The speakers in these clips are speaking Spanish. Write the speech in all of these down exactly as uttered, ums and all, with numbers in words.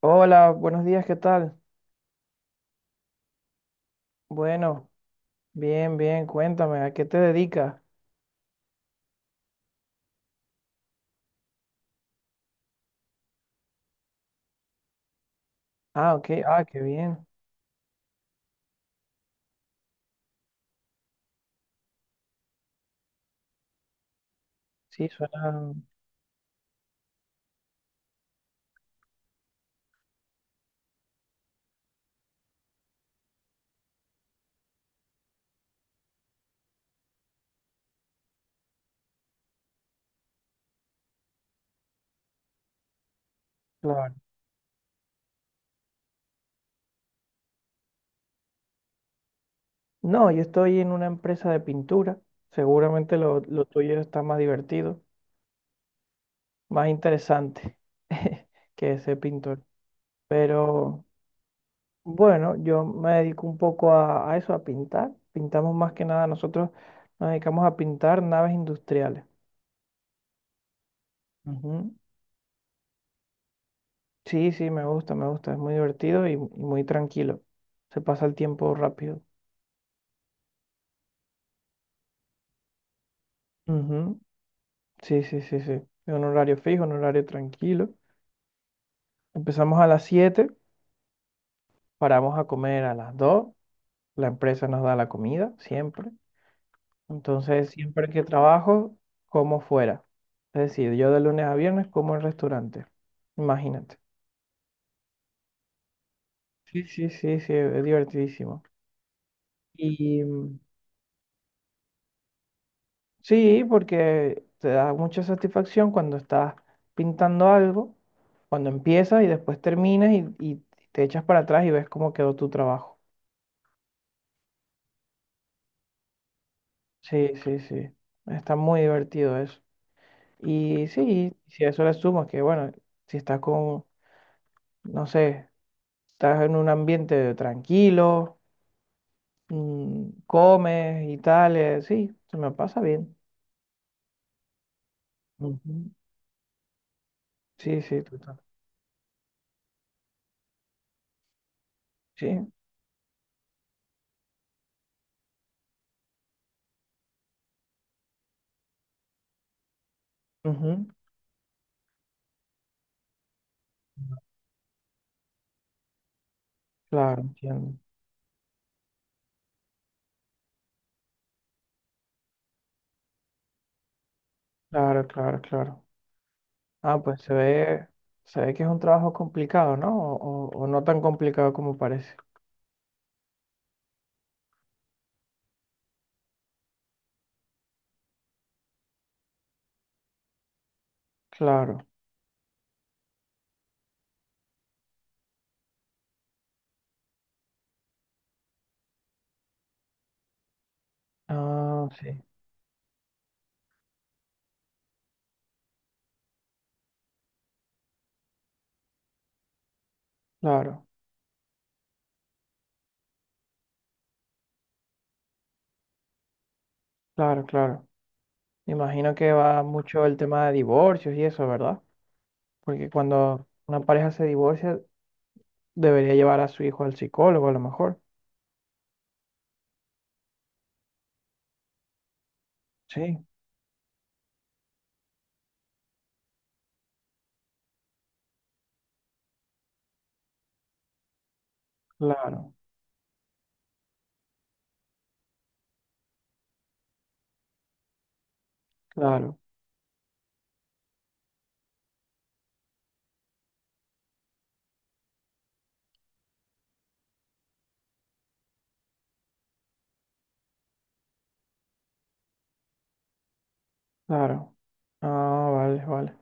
Hola, buenos días, ¿qué tal? Bueno, bien, bien, cuéntame, ¿a qué te dedicas? Ah, ok, ah, qué bien. Sí, suena claro. No, yo estoy en una empresa de pintura. Seguramente lo, lo tuyo está más divertido, más interesante que ser pintor. Pero bueno, yo me dedico un poco a, a eso, a pintar. Pintamos más que nada, nosotros nos dedicamos a pintar naves industriales. Ujú. Sí, sí, me gusta, me gusta. Es muy divertido y, y muy tranquilo. Se pasa el tiempo rápido. Ujú. Sí, sí, sí, sí. Es un horario fijo, un horario tranquilo. Empezamos a las siete, paramos a comer a las dos. La empresa nos da la comida, siempre. Entonces, siempre que trabajo, como fuera. Es decir, yo de lunes a viernes como en restaurante. Imagínate. Sí, sí, sí, sí, es divertidísimo. Y, mm, sí, porque te da mucha satisfacción cuando estás pintando algo, cuando empiezas y después terminas y, y te echas para atrás y ves cómo quedó tu trabajo. Sí, sí, sí. Está muy divertido eso. Y sí, si a eso le sumas que, bueno, si estás con, no sé, estás en un ambiente tranquilo, mm, comes y tal, eh, sí, se me pasa bien. Ujú. Sí, sí, total. Sí, ujú, claro, entiendo. Claro, claro, claro. Ah, pues se ve, se ve que es un trabajo complicado, ¿no? O, o- o no tan complicado como parece. Claro. Ah, sí. Claro, claro, claro. Imagino que va mucho el tema de divorcios y eso, ¿verdad? Porque cuando una pareja se divorcia, debería llevar a su hijo al psicólogo a lo mejor. Sí, claro, claro, claro. Ah, vale, vale.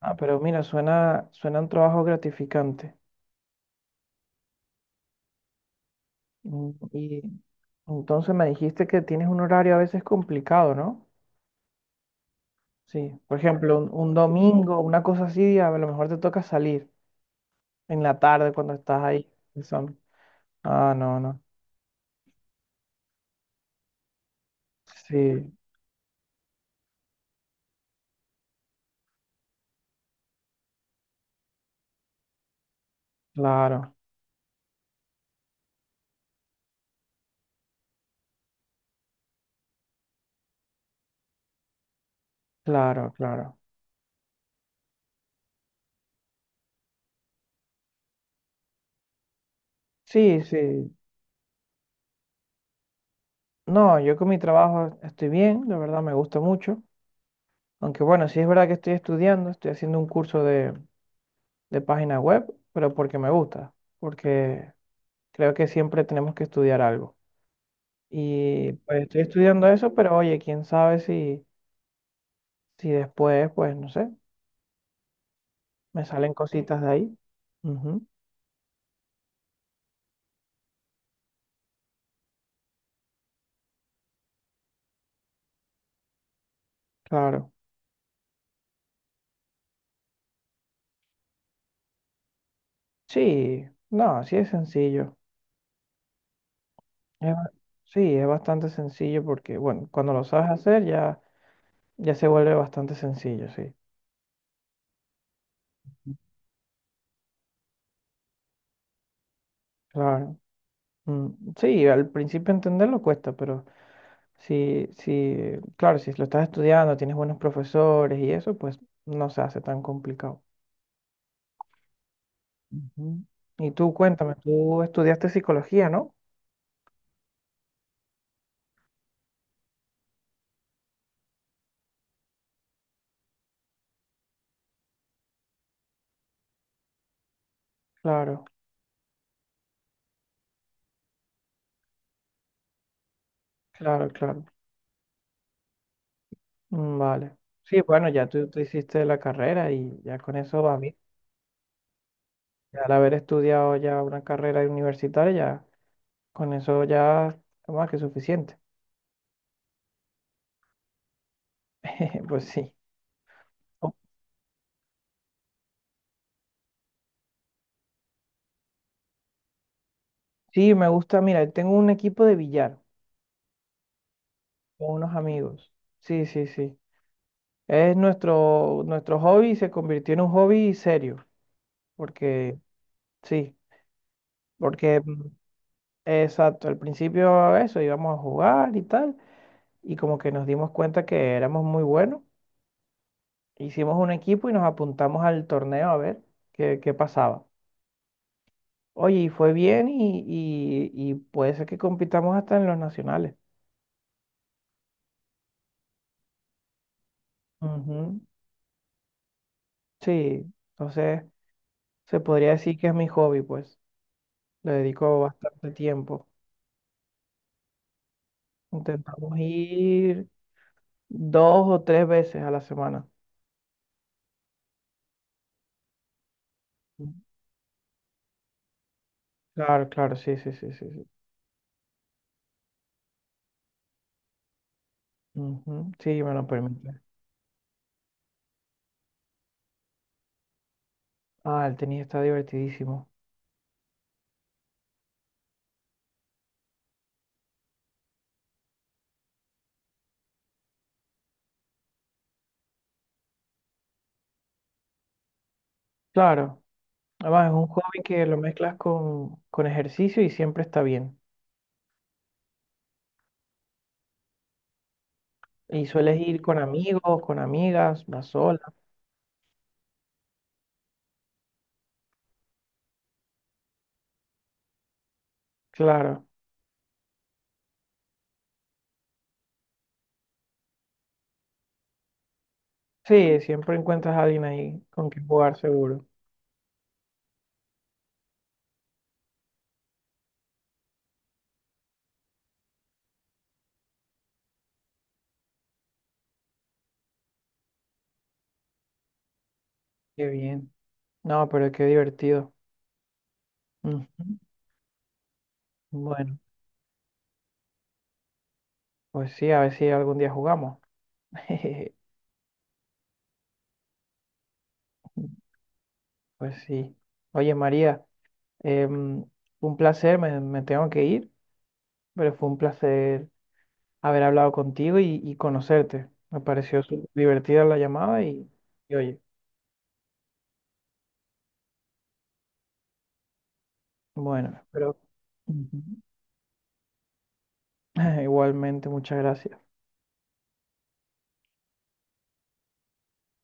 Ah, pero mira, suena, suena un trabajo gratificante. Mm, Y entonces me dijiste que tienes un horario a veces complicado, ¿no? Sí, por ejemplo, un, un domingo, una cosa así, a lo mejor te toca salir en la tarde cuando estás ahí. El sol. Ah, no, no. Sí, claro, claro, claro. Sí, sí. No, yo con mi trabajo estoy bien, la verdad me gusta mucho. Aunque bueno, sí es verdad que estoy estudiando, estoy haciendo un curso de, de página web, pero porque me gusta, porque creo que siempre tenemos que estudiar algo. Y pues estoy estudiando eso, pero oye, quién sabe si, si después, pues no sé. Me salen cositas de ahí. Ujú, claro. Sí, no, sí es sencillo. Es ba- sí, es bastante sencillo porque, bueno, cuando lo sabes hacer ya, ya se vuelve bastante sencillo, sí. Claro. Mm, sí, al principio entenderlo cuesta, pero si, si, claro, si lo estás estudiando, tienes buenos profesores y eso, pues no se hace tan complicado. Ujú. Y tú cuéntame, tú estudiaste psicología, ¿no? Claro, claro, claro. Mm, vale. Sí, bueno, ya tú, tú hiciste la carrera y ya con eso va bien. Ya al haber estudiado ya una carrera universitaria, ya con eso ya es más que suficiente. Pues sí. Oh, sí, me gusta, mira, tengo un equipo de billar con unos amigos. Sí, sí, sí. Es nuestro, nuestro hobby se convirtió en un hobby serio. Porque, sí, porque, mm, exacto, al principio eso, íbamos a jugar y tal, y como que nos dimos cuenta que éramos muy buenos. Hicimos un equipo y nos apuntamos al torneo a ver qué, qué pasaba. Oye, y fue bien y, y- y puede ser que compitamos hasta en los nacionales. Ujú. Sí, entonces se podría decir que es mi hobby, pues. Le dedico bastante tiempo. Intentamos ir dos o tres veces a la semana. Mm. Claro, claro, sí, sí, sí, sí, sí. Ujú. Sí, me lo permite. Ah, el tenis está divertidísimo. Claro. Además, es un hobby que lo mezclas con, con ejercicio y siempre está bien. Y sueles ir con amigos, con amigas, vas sola. Claro. Sí, siempre encuentras a alguien ahí con quien jugar seguro. Qué bien. No, pero qué divertido. Ujú. Bueno, pues sí, a ver si algún día jugamos. Pues sí. Oye, María, em, un placer, me, me tengo que ir, pero fue un placer haber hablado contigo y, y conocerte. Me pareció súper divertida la llamada y, y oye. Bueno, pero ujú, igualmente, muchas gracias.